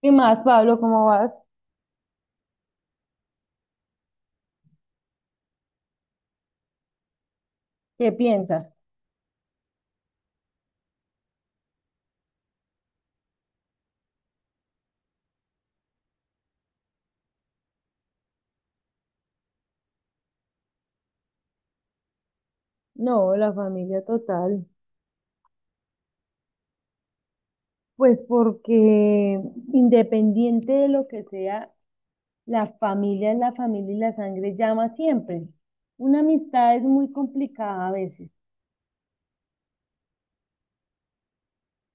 ¿Qué más, Pablo? ¿Cómo vas? ¿Qué piensas? No, la familia total. Pues porque independiente de lo que sea, la familia es la familia y la sangre llama siempre. Una amistad es muy complicada a veces.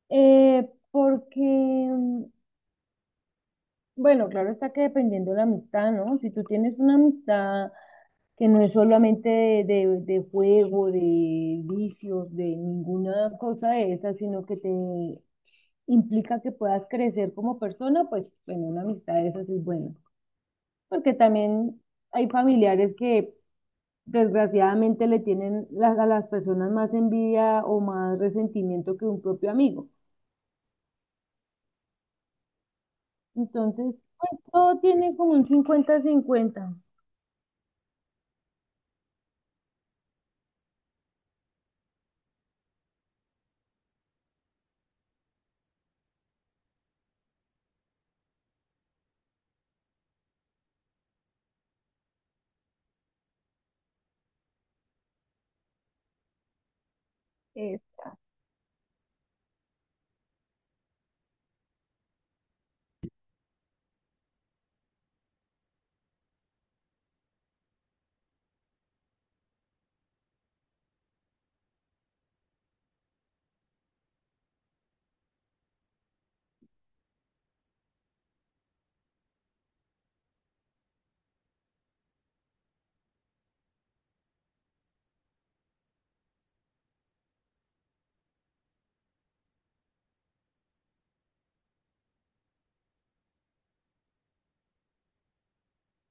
Porque, bueno, claro está que dependiendo de la amistad, ¿no? Si tú tienes una amistad que no es solamente de juego, de vicios, de ninguna cosa de esas, sino que te implica que puedas crecer como persona, pues bueno, una amistad de esas es buena. Porque también hay familiares que desgraciadamente le tienen a las personas más envidia o más resentimiento que un propio amigo. Entonces, pues todo tiene como un 50-50, Es,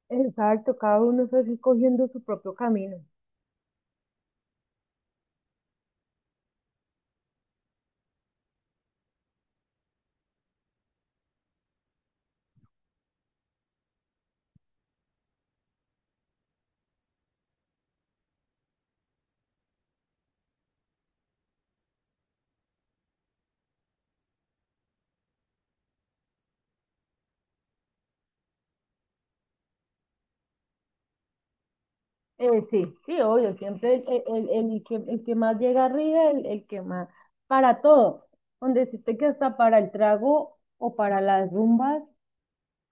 exacto, cada uno está así cogiendo su propio camino. Sí, sí, obvio, siempre el que más llega arriba, el que más, para todo, donde decirte que hasta para el trago o para las rumbas,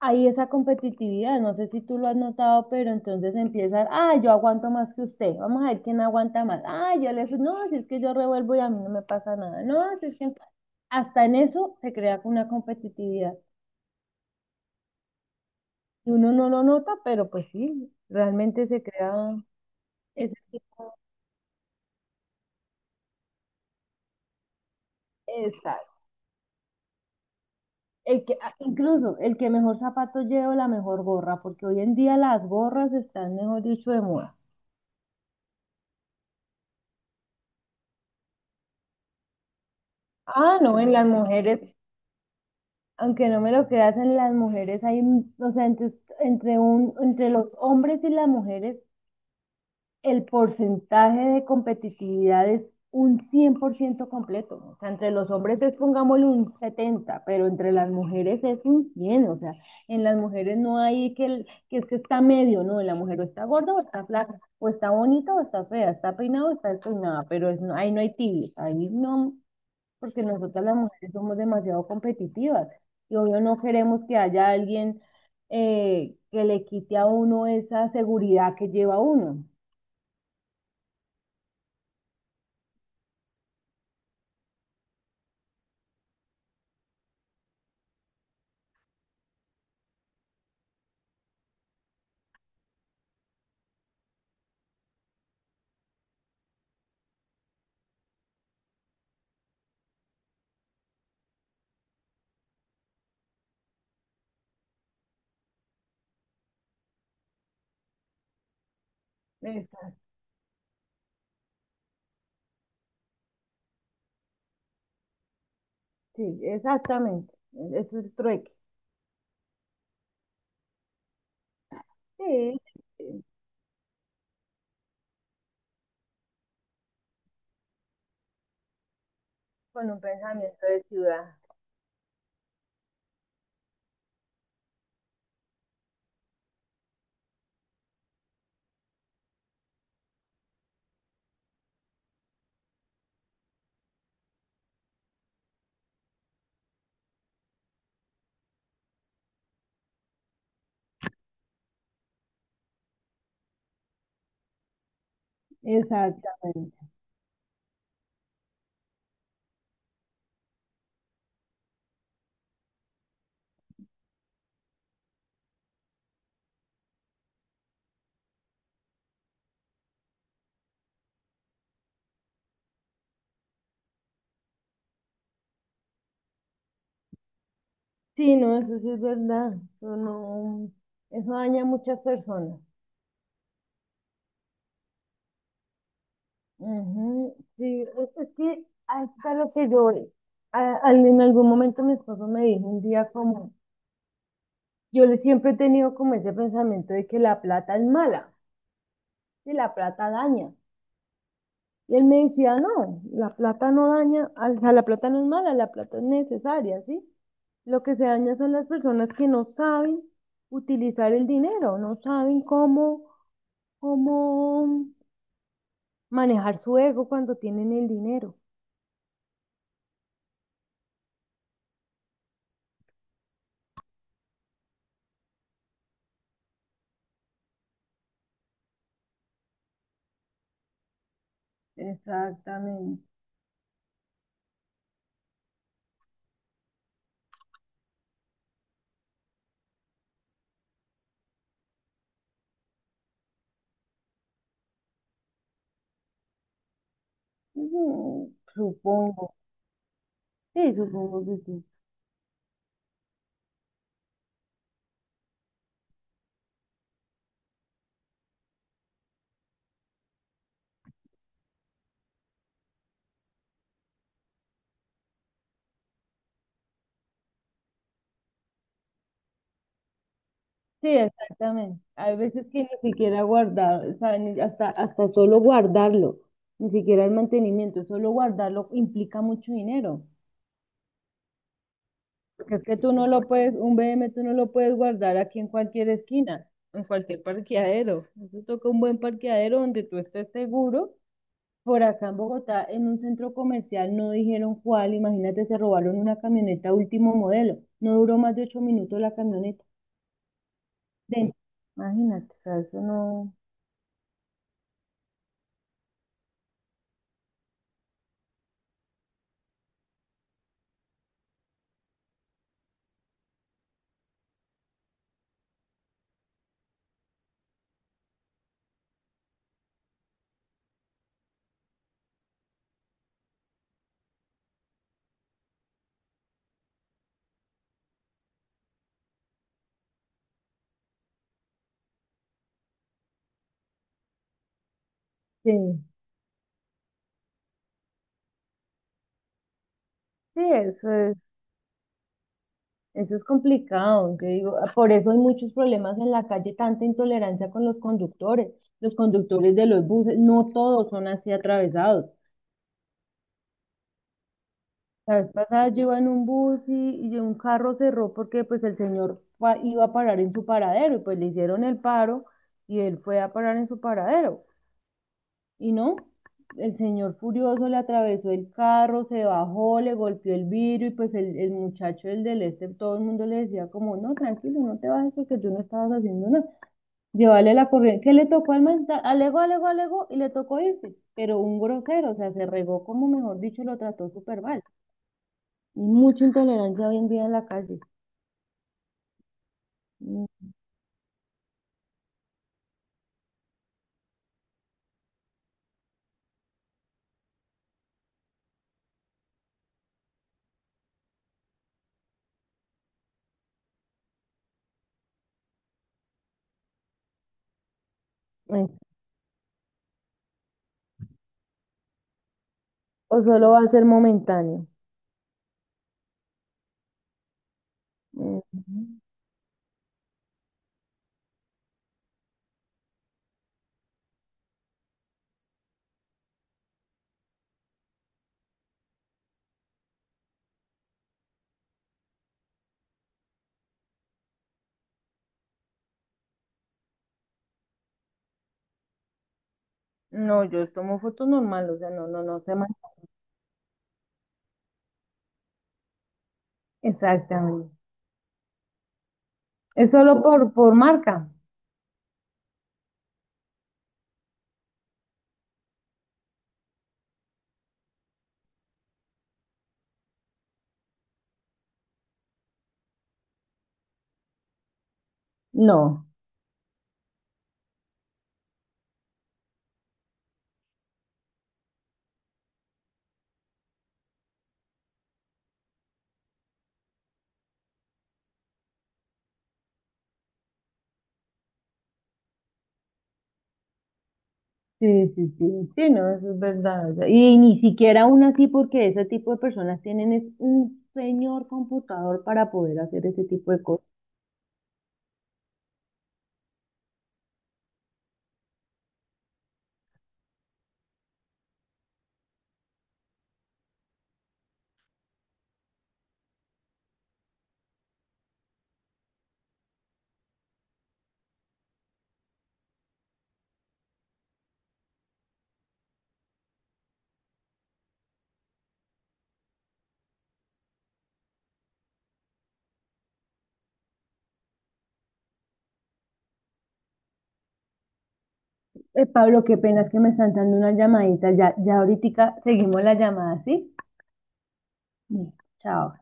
hay esa competitividad, no sé si tú lo has notado, pero entonces empiezan, ah, yo aguanto más que usted, vamos a ver quién aguanta más, ah, yo le no, si es que yo revuelvo y a mí no me pasa nada, no, si es que hasta en eso se crea una competitividad, y uno no lo nota, pero pues sí, realmente se crea ese tipo. El que, ah, incluso el que mejor zapato lleva, la mejor gorra, porque hoy en día las gorras están, mejor dicho, de moda. Ah, no, en las mujeres, aunque no me lo creas, en las mujeres hay, o sea, entre los hombres y las mujeres el porcentaje de competitividad es un 100% completo. O sea, entre los hombres es, pongámosle, un 70, pero entre las mujeres es un 100. O sea, en las mujeres no hay que, que es que está medio, no, en la mujer o está gorda o está flaca, o está bonita o está fea, está peinada o está despeinada, pero es, ahí no hay tibios, ahí no, porque nosotras las mujeres somos demasiado competitivas y obvio no queremos que haya alguien que le quite a uno esa seguridad que lleva uno. Sí, exactamente. Es el trueque. Sí, sí, con un pensamiento de ciudad. Exactamente. Sí, no, eso sí es verdad. Eso no, eso daña a muchas personas. Ujú, sí, es que hasta lo que yo, en algún momento mi esposo me dijo un día como, yo le siempre he tenido como ese pensamiento de que la plata es mala, que la plata daña. Y él me decía, no, la plata no daña, o sea, la plata no es mala, la plata es necesaria, ¿sí? Lo que se daña son las personas que no saben utilizar el dinero, no saben cómo, cómo manejar su ego cuando tienen el dinero. Exactamente. Ujú, supongo. Sí, supongo que sí. Sí, exactamente. Hay veces que ni siquiera guardar, saben, hasta solo guardarlo, ni siquiera el mantenimiento, solo guardarlo implica mucho dinero. Porque es que tú no lo puedes, un BM tú no lo puedes guardar aquí en cualquier esquina, en cualquier parqueadero. Eso toca un buen parqueadero donde tú estés seguro. Por acá en Bogotá, en un centro comercial, no dijeron cuál. Imagínate, se robaron una camioneta último modelo. No duró más de 8 minutos la camioneta. Dentro. Imagínate, o sea, eso no. Sí, sí, eso es. Eso es complicado, yo digo, ah, por eso hay muchos problemas en la calle, tanta intolerancia con los conductores de los buses, no todos son así atravesados. La vez pasada yo iba en un bus y un carro cerró porque pues el señor fue iba a parar en su paradero y pues le hicieron el paro y él fue a parar en su paradero. Y no, el señor furioso le atravesó el carro, se bajó, le golpeó el vidrio y pues el muchacho, el del este, todo el mundo le decía como, no, tranquilo, no te bajes porque tú no estabas haciendo nada. Llevarle la corriente, que le tocó al mental, alegó, alegó, alegó y le tocó irse, pero un grosero, o sea, se regó como mejor dicho, lo trató súper mal. Y mucha intolerancia hoy en día en la calle. Mm. eh, O solo va a ser momentáneo. Ujú. No, yo tomo fotos normal, o sea, no, no, no. Exactamente. ¿Es solo por marca? No. Sí, sí, sí, sí, no, eso es verdad. O sea, y ni siquiera aún así, porque ese tipo de personas tienen es un señor computador para poder hacer ese tipo de cosas. Pablo, qué pena es que me están dando una llamadita. Ya, ya ahorita seguimos la llamada, ¿sí? Listo, chao.